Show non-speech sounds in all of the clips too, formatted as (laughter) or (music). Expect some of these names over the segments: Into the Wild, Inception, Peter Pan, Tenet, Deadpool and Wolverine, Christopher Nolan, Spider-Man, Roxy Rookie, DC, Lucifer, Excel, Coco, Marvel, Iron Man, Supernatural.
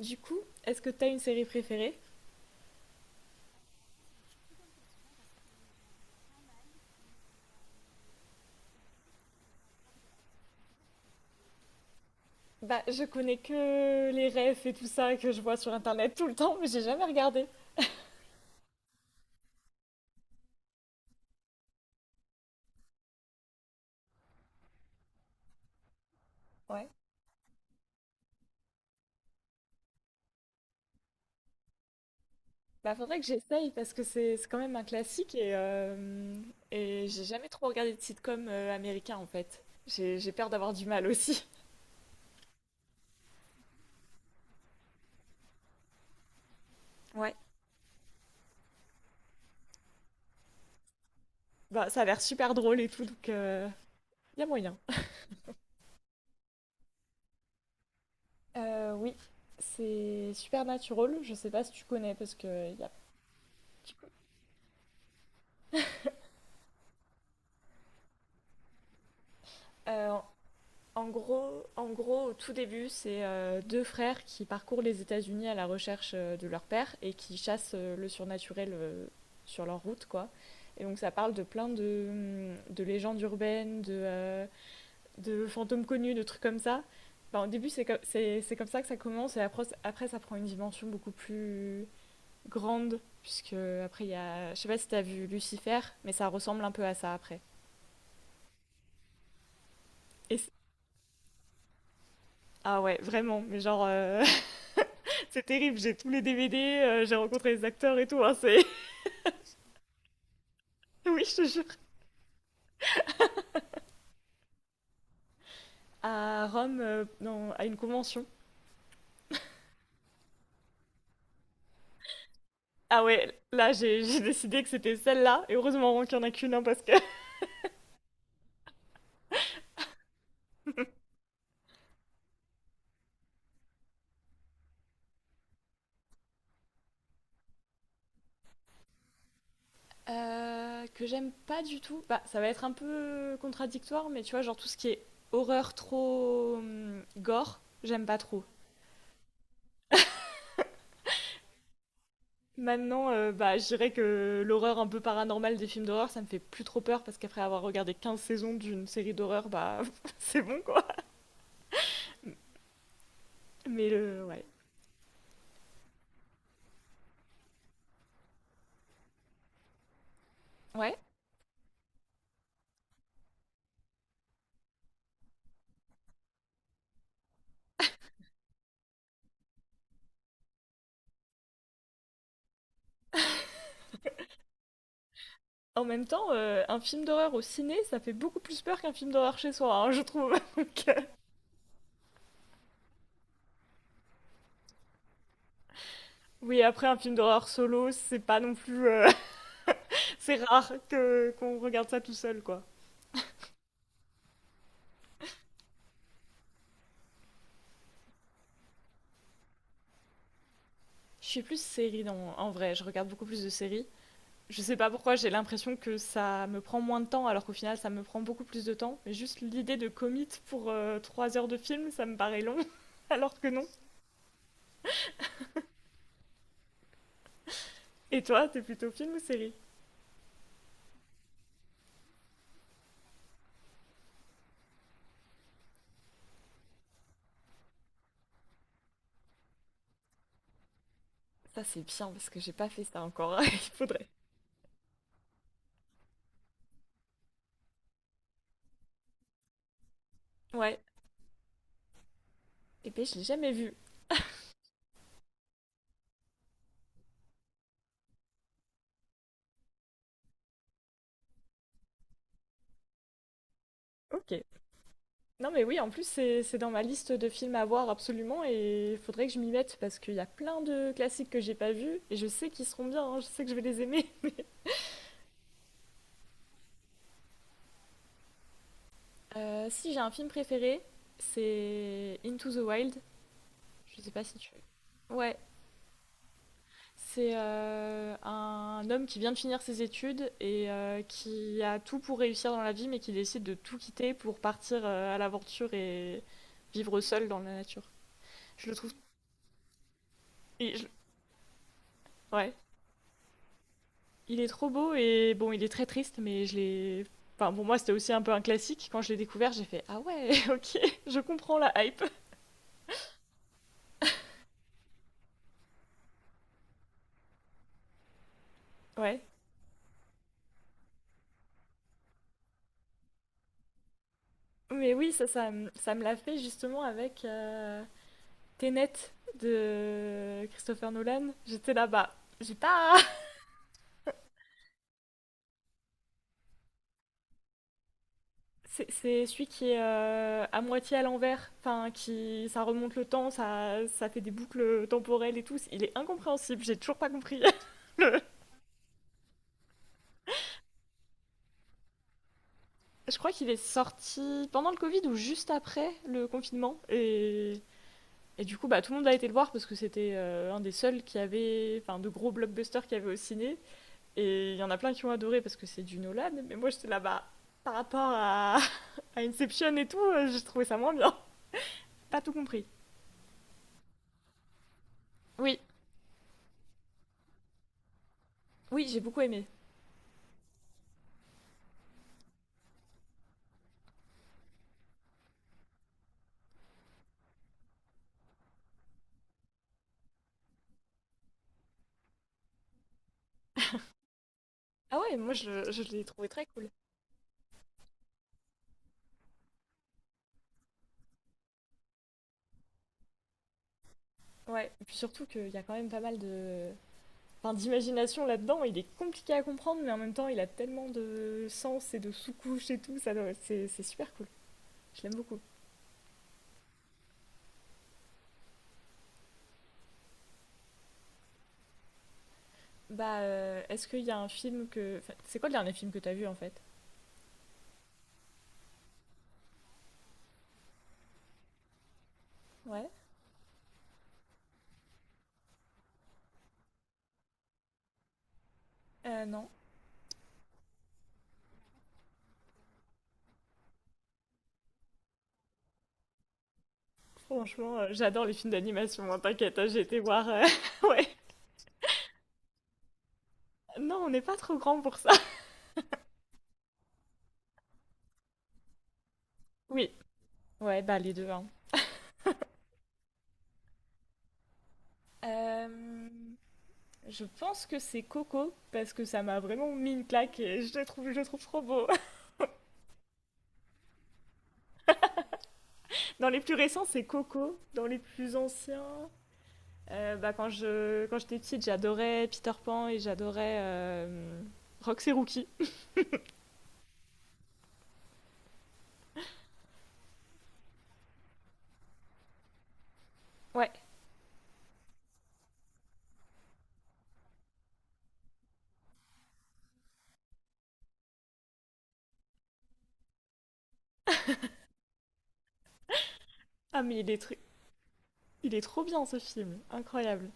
Du coup, est-ce que t'as une série préférée? Bah, je connais que les refs et tout ça que je vois sur internet tout le temps, mais j'ai jamais regardé. Ouais. Bah, faudrait que j'essaye parce que c'est quand même un classique et j'ai jamais trop regardé de sitcom américain en fait. J'ai peur d'avoir du mal aussi. Ouais. Bah, ça a l'air super drôle et tout, donc y a moyen. Oui, c'est Supernatural, je sais pas si tu connais parce que Euh, En gros, au tout début, c'est deux frères qui parcourent les États-Unis à la recherche de leur père et qui chassent le surnaturel sur leur route, quoi. Et donc ça parle de plein de légendes urbaines, de fantômes connus, de trucs comme ça. Enfin, au début, c'est comme ça que ça commence et après, après, ça prend une dimension beaucoup plus grande, puisque après, il y a... Je sais pas si t'as vu Lucifer, mais ça ressemble un peu à ça après. Et c'est- ah ouais, vraiment, mais genre... C'est terrible, j'ai tous les DVD, j'ai rencontré les acteurs et tout, hein, c'est... (laughs) Oui, je te jure. À Rome, non, à une convention. Ah ouais, (laughs) j'ai décidé que c'était celle-là, et heureusement qu'il n'y en a qu'une, hein, parce que... (laughs) Que j'aime pas du tout. Bah, ça va être un peu contradictoire, mais tu vois, genre tout ce qui est horreur trop gore, j'aime pas trop. Maintenant, bah, je dirais que l'horreur un peu paranormale des films d'horreur, ça me fait plus trop peur, parce qu'après avoir regardé 15 saisons d'une série d'horreur, bah, (laughs) c'est bon, quoi. Ouais. Ouais. En même temps, un film d'horreur au ciné, ça fait beaucoup plus peur qu'un film d'horreur chez soi, hein, je trouve. (laughs) Donc, oui, après, un film d'horreur solo, c'est pas non plus. (laughs) C'est rare que, qu'on regarde ça tout seul, quoi. Je suis plus en vrai, je regarde beaucoup plus de séries. Je sais pas pourquoi, j'ai l'impression que ça me prend moins de temps, alors qu'au final, ça me prend beaucoup plus de temps. Mais juste l'idée de commit pour 3 heures de film, ça me paraît long, (laughs) alors que non. Et toi, t'es plutôt film ou série? Ça, c'est bien, parce que j'ai pas fait ça encore. (laughs) Il faudrait. Ouais. Et puis, je l'ai jamais vu. Ok. Non mais oui, en plus c'est dans ma liste de films à voir absolument et il faudrait que je m'y mette parce qu'il y a plein de classiques que j'ai pas vus et je sais qu'ils seront bien, hein, je sais que je vais les aimer. (laughs) Si j'ai un film préféré, c'est Into the Wild. Je sais pas si tu... Ouais, c'est un homme qui vient de finir ses études et qui a tout pour réussir dans la vie mais qui décide de tout quitter pour partir à l'aventure et vivre seul dans la nature. Je le trouve... et je- Ouais, il est trop beau et bon, il est très triste, mais je l'ai. Enfin, pour moi, c'était aussi un peu un classique. Quand je l'ai découvert, j'ai fait ah ouais, (laughs) ok, je comprends la hype. Ouais. Mais oui, ça me l'a fait justement avec Tenet de Christopher Nolan. J'étais là-bas. J'ai pas. (laughs) C'est celui qui est à moitié à l'envers. Enfin, qui. Ça remonte le temps, ça fait des boucles temporelles et tout. Il est incompréhensible, j'ai toujours pas compris. (laughs) le- Je crois qu'il est sorti pendant le Covid ou juste après le confinement. Et du coup, bah, tout le monde a été le voir parce que c'était un des seuls qui avait, enfin, de gros blockbusters qui avait au ciné. Et il y en a plein qui ont adoré parce que c'est du Nolan. Mais moi, j'étais là-bas par rapport à Inception et tout, j'ai trouvé ça moins bien. Pas tout compris. Oui, oui, j'ai beaucoup aimé. Ah ouais, je l'ai trouvé très cool. Ouais, et puis surtout qu'il y a quand même pas mal de, enfin, d'imagination là-dedans. Il est compliqué à comprendre, mais en même temps, il a tellement de sens et de sous-couches et tout. C'est super cool. Je l'aime beaucoup. Bah, est-ce qu'il y a un film que. Enfin, c'est quoi le dernier film que t'as vu en fait? Ouais. Non. Franchement, j'adore les films d'animation, hein, t'inquiète, hein, j'ai été voir, (laughs) ouais. Non, on n'est pas trop grand pour ça. (laughs) Oui. Ouais, bah les deux, hein. Euh, je pense que c'est Coco parce que ça m'a vraiment mis une claque et je le trouve trop beau. (laughs) Dans les plus récents, c'est Coco. Dans les plus anciens, bah, quand j'étais petite, j'adorais Peter Pan et j'adorais Roxy Rookie. Ouais. Ah mais il est trop bien ce film, incroyable.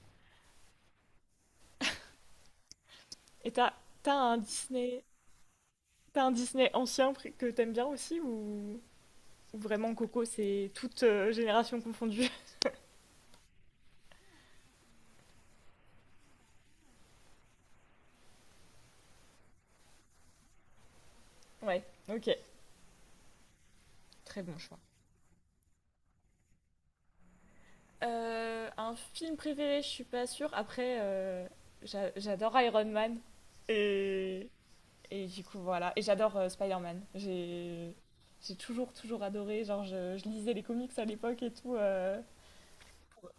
Et t'as t'as un Disney? T'as un Disney ancien que t'aimes bien aussi, ou vraiment Coco c'est toute génération confondue? (laughs) Ouais. Ok. Très bon choix. Un film préféré, je suis pas sûre. Après, j'adore Iron Man. et Et du coup, voilà. Et j'adore Spider-Man. J'ai toujours, toujours adoré. Genre, je lisais les comics à l'époque et tout, pour,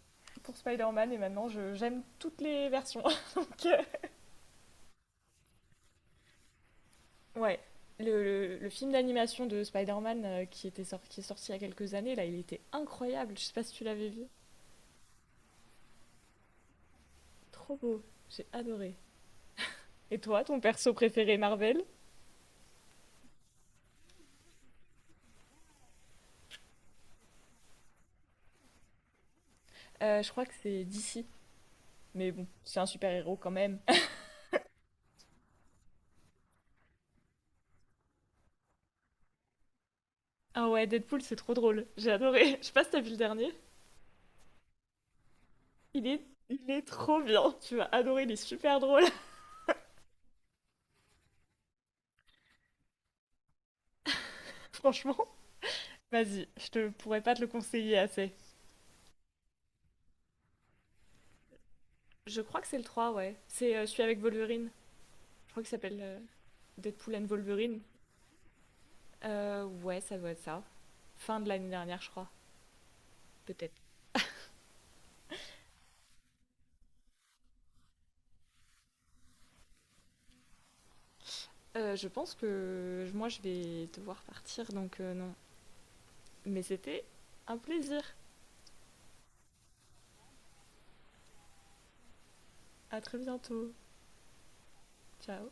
pour Spider-Man. Et maintenant, j'aime toutes les versions. (laughs) Donc, ouais. Le film d'animation de Spider-Man qui est sorti il y a quelques années, là, il était incroyable. Je sais pas si tu l'avais vu. Trop beau. J'ai adoré. Et toi, ton perso préféré Marvel? Je crois que c'est DC. Mais bon, c'est un super-héros quand même. (laughs) Ah ouais, Deadpool, c'est trop drôle. J'ai adoré. (laughs) Je sais pas si t'as vu le dernier. Il est, il est trop bien. Tu vas adorer, il est super drôle. (laughs) Franchement, vas-y, je te pourrais pas te le conseiller assez. Je crois que c'est le 3, ouais. C'est celui avec Wolverine. Je crois qu'il s'appelle Deadpool and Wolverine. Ouais, ça doit être ça. Fin de l'année dernière, je crois. Peut-être. Je pense que moi, je vais devoir partir, donc non. Mais c'était un plaisir. À très bientôt. Ciao.